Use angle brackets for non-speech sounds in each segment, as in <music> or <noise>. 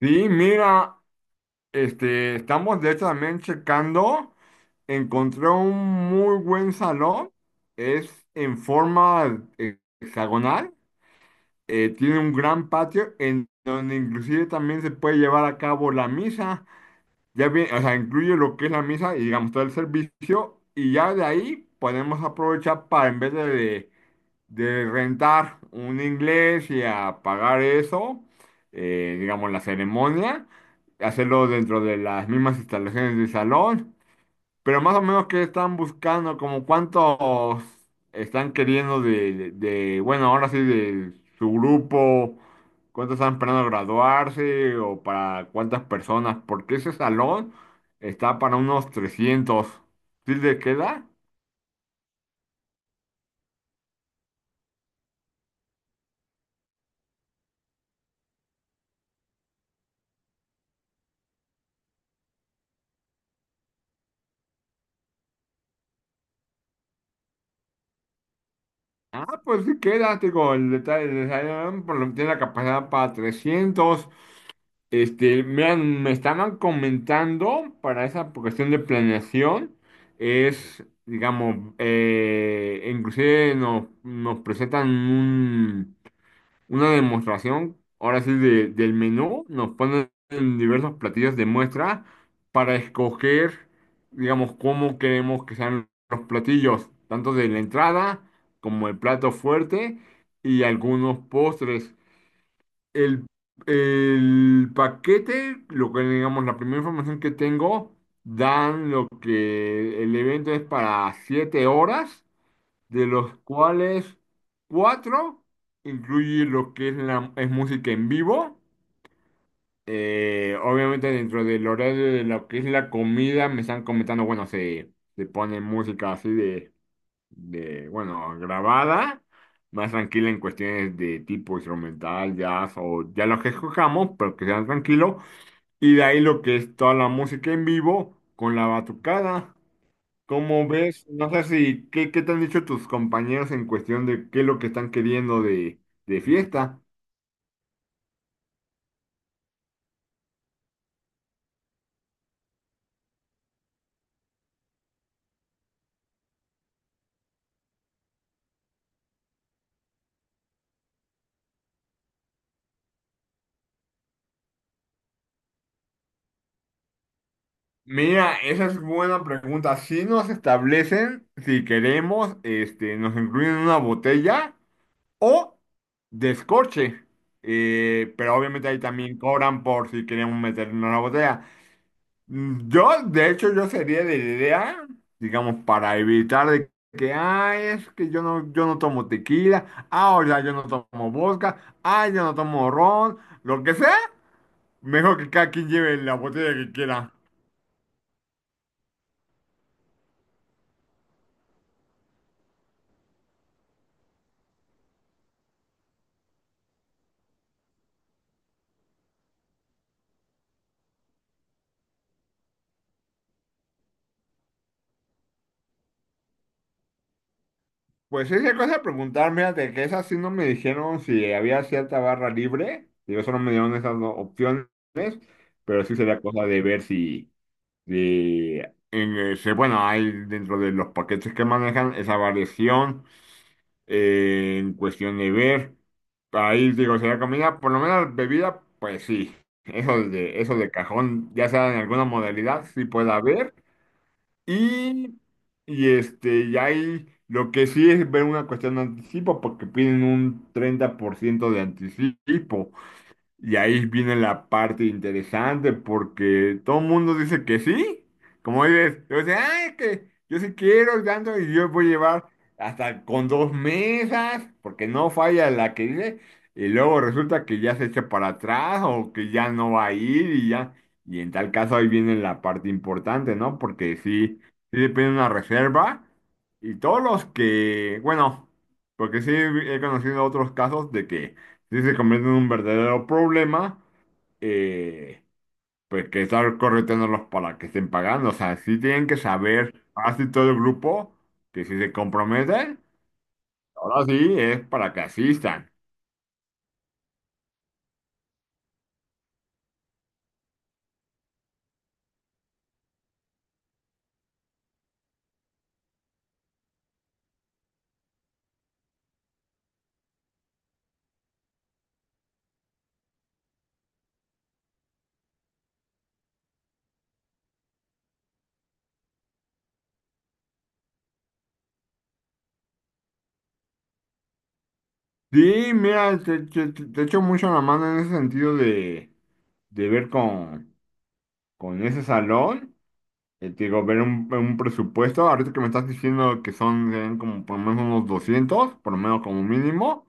Sí, mira, estamos de hecho también checando. Encontré un muy buen salón. Es en forma hexagonal. Tiene un gran patio en donde inclusive también se puede llevar a cabo la misa. Ya bien, o sea, incluye lo que es la misa y digamos todo el servicio. Y ya de ahí podemos aprovechar para en vez de rentar un inglés y a pagar eso, digamos, la ceremonia, hacerlo dentro de las mismas instalaciones del salón, pero más o menos qué están buscando, como cuántos están queriendo bueno, ahora sí, de su grupo, cuántos están esperando graduarse o para cuántas personas, porque ese salón está para unos 300. ¿Sí le queda? Ah, pues sí, quédate con el detalle de Zion, por lo que tiene la capacidad para 300. Me estaban comentando para esa cuestión de planeación, es, digamos, inclusive nos presentan una demostración, ahora sí, del menú, nos ponen diversos platillos de muestra para escoger, digamos, cómo queremos que sean los platillos, tanto de la entrada como el plato fuerte y algunos postres. El, el paquete, lo que digamos, la primera información que tengo, dan lo que el evento es para 7 horas, de los cuales cuatro incluye lo que es música en vivo. Obviamente dentro del horario de lo que es la comida me están comentando, bueno, se pone música así bueno, grabada, más tranquila en cuestiones de tipo instrumental, jazz o ya lo que escojamos, pero que sean tranquilos. Y de ahí lo que es toda la música en vivo con la batucada. Cómo ves, no sé si, qué te han dicho tus compañeros en cuestión de qué es lo que están queriendo de fiesta? Mira, esa es buena pregunta. Si nos establecen, si queremos, nos incluyen una botella o descorche. Pero obviamente ahí también cobran por si queremos meter una botella. Yo, de hecho, yo sería de la idea, digamos, para evitar de que, ay, es que yo no tomo tequila, ah, o sea, yo no tomo vodka, ah, yo no tomo ron, lo que sea, mejor que cada quien lleve la botella que quiera. Pues esa cosa de preguntar, fíjate, que esas sí no me dijeron si había cierta barra libre, yo solo me dieron esas dos opciones, pero sí sería cosa de ver si en, bueno, hay dentro de los paquetes que manejan esa variación. En cuestión de ver, ahí digo, sería comida, por lo menos bebida, pues sí, eso de cajón, ya sea en alguna modalidad, sí puede haber. Y, y y ahí lo que sí es ver una cuestión de anticipo, porque piden un 30% de anticipo. Y ahí viene la parte interesante, porque todo el mundo dice que sí. Como dices, yo dice, ay, es que yo sí quiero y tanto, y yo voy a llevar hasta con dos mesas, porque no falla la que dice, y luego resulta que ya se echa para atrás o que ya no va a ir y ya. Y en tal caso ahí viene la parte importante, ¿no? Porque sí, sí depende de una reserva. Y todos los que, bueno, porque sí he conocido otros casos de que sí se convierte en un verdadero problema, eh, pues que estar correteándolos para que estén pagando. O sea, sí tienen que saber, así todo el grupo, que si se comprometen, ahora sí es para que asistan. Sí, mira, te echo mucho la mano en ese sentido de ver con ese salón. Te digo, ver un presupuesto. Ahorita que me estás diciendo que serían como por lo menos unos 200 por lo menos como mínimo.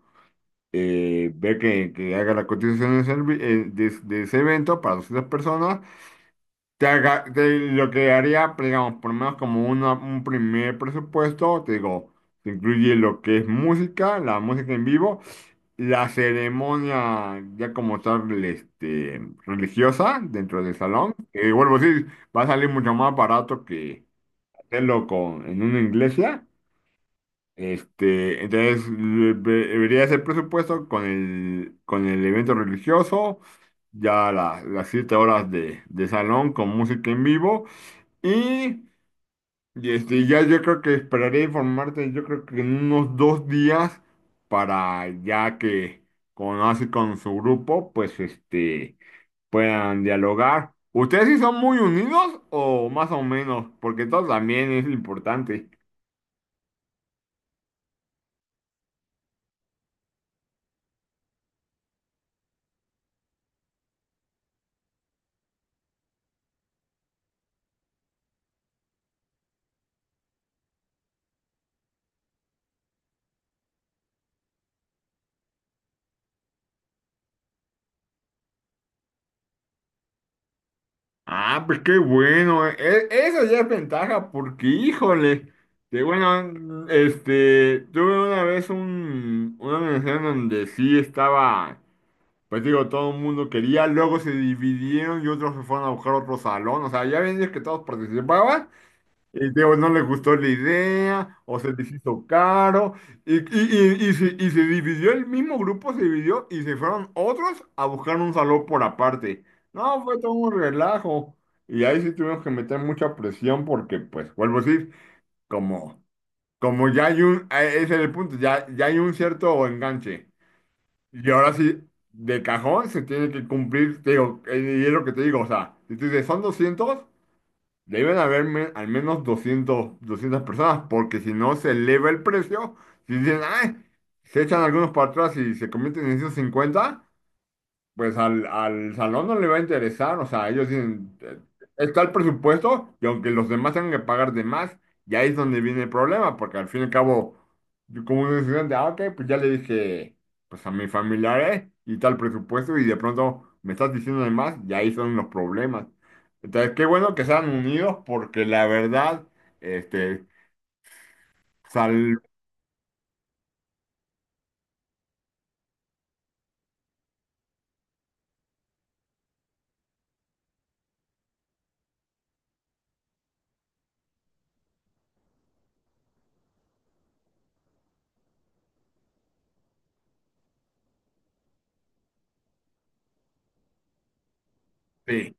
Ver que haga la cotización de ese evento para 200 personas, lo que haría, pues, digamos, por lo menos como un primer presupuesto, te digo, te incluye lo que es música, la música en vivo, la ceremonia ya como tal religiosa dentro del salón, que vuelvo a decir, va a salir mucho más barato que hacerlo en una iglesia. Entonces debería ser presupuesto con el evento religioso, ya las 7 horas de salón con música en vivo y, ya yo creo que esperaré informarte, yo creo que en unos 2 días para ya que con así con su grupo, pues puedan dialogar. ¿Ustedes sí son muy unidos o más o menos? Porque todo también es importante. Ah, pues qué bueno. Eso ya es ventaja porque, híjole, que bueno, tuve una vez una universidad en donde sí estaba, pues digo, todo el mundo quería, luego se dividieron y otros se fueron a buscar otro salón, o sea, ya ven es que todos participaban, y digo, no le gustó la idea, o se les hizo caro, y se dividió el mismo grupo, se dividió y se fueron otros a buscar un salón por aparte. No, fue todo un relajo. Y ahí sí tuvimos que meter mucha presión porque, pues, vuelvo a decir, como, como ya hay ese es el punto, ya hay un cierto enganche. Y ahora sí, de cajón se tiene que cumplir, te digo, y es lo que te digo, o sea, si tú dices, son 200. Deben haber al menos 200, 200 personas, porque si no se eleva el precio, si dicen, ay, se echan algunos para atrás y se convierten en 150. Pues al salón no le va a interesar, o sea, ellos dicen, está el presupuesto y aunque los demás tengan que pagar de más, y ahí es donde viene el problema, porque al fin y al cabo, yo como un estudiante, ah, ok, pues ya le dije, pues a mis familiares y tal presupuesto y de pronto me estás diciendo de más, y ahí son los problemas. Entonces, qué bueno que sean unidos porque la verdad, este, sal, sí,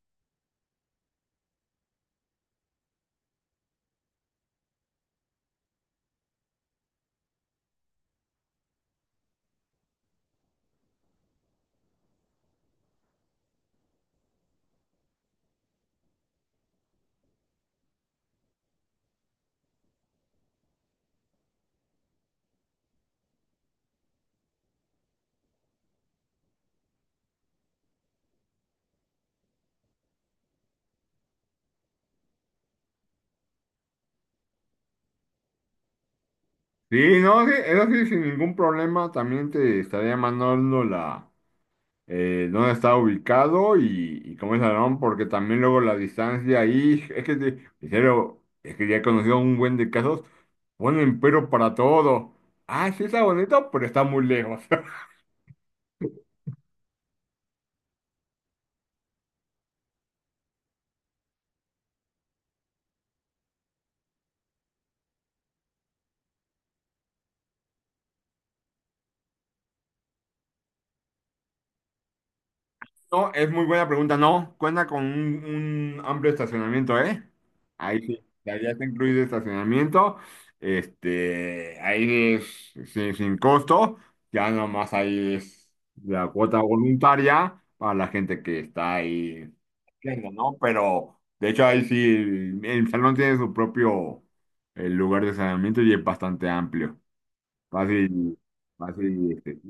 sí, no, sí, eso sí, sin ningún problema, también te estaría mandando dónde está ubicado y cómo es el salón, porque también luego la distancia ahí, <laughs> es que, en serio, es que ya he conocido un buen de casos, ponen pero para todo. Ah, sí está bonito, pero está muy lejos. No, es muy buena pregunta. No, cuenta con un amplio estacionamiento, ¿eh? Ahí sí, ya está incluido estacionamiento. Ahí es sin costo. Ya nomás ahí es la cuota voluntaria para la gente que está ahí, haciendo, ¿no? Pero de hecho ahí sí, el salón tiene su propio lugar de estacionamiento y es bastante amplio. Fácil, fácil.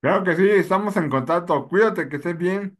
Claro que sí, estamos en contacto. Cuídate, que estés bien.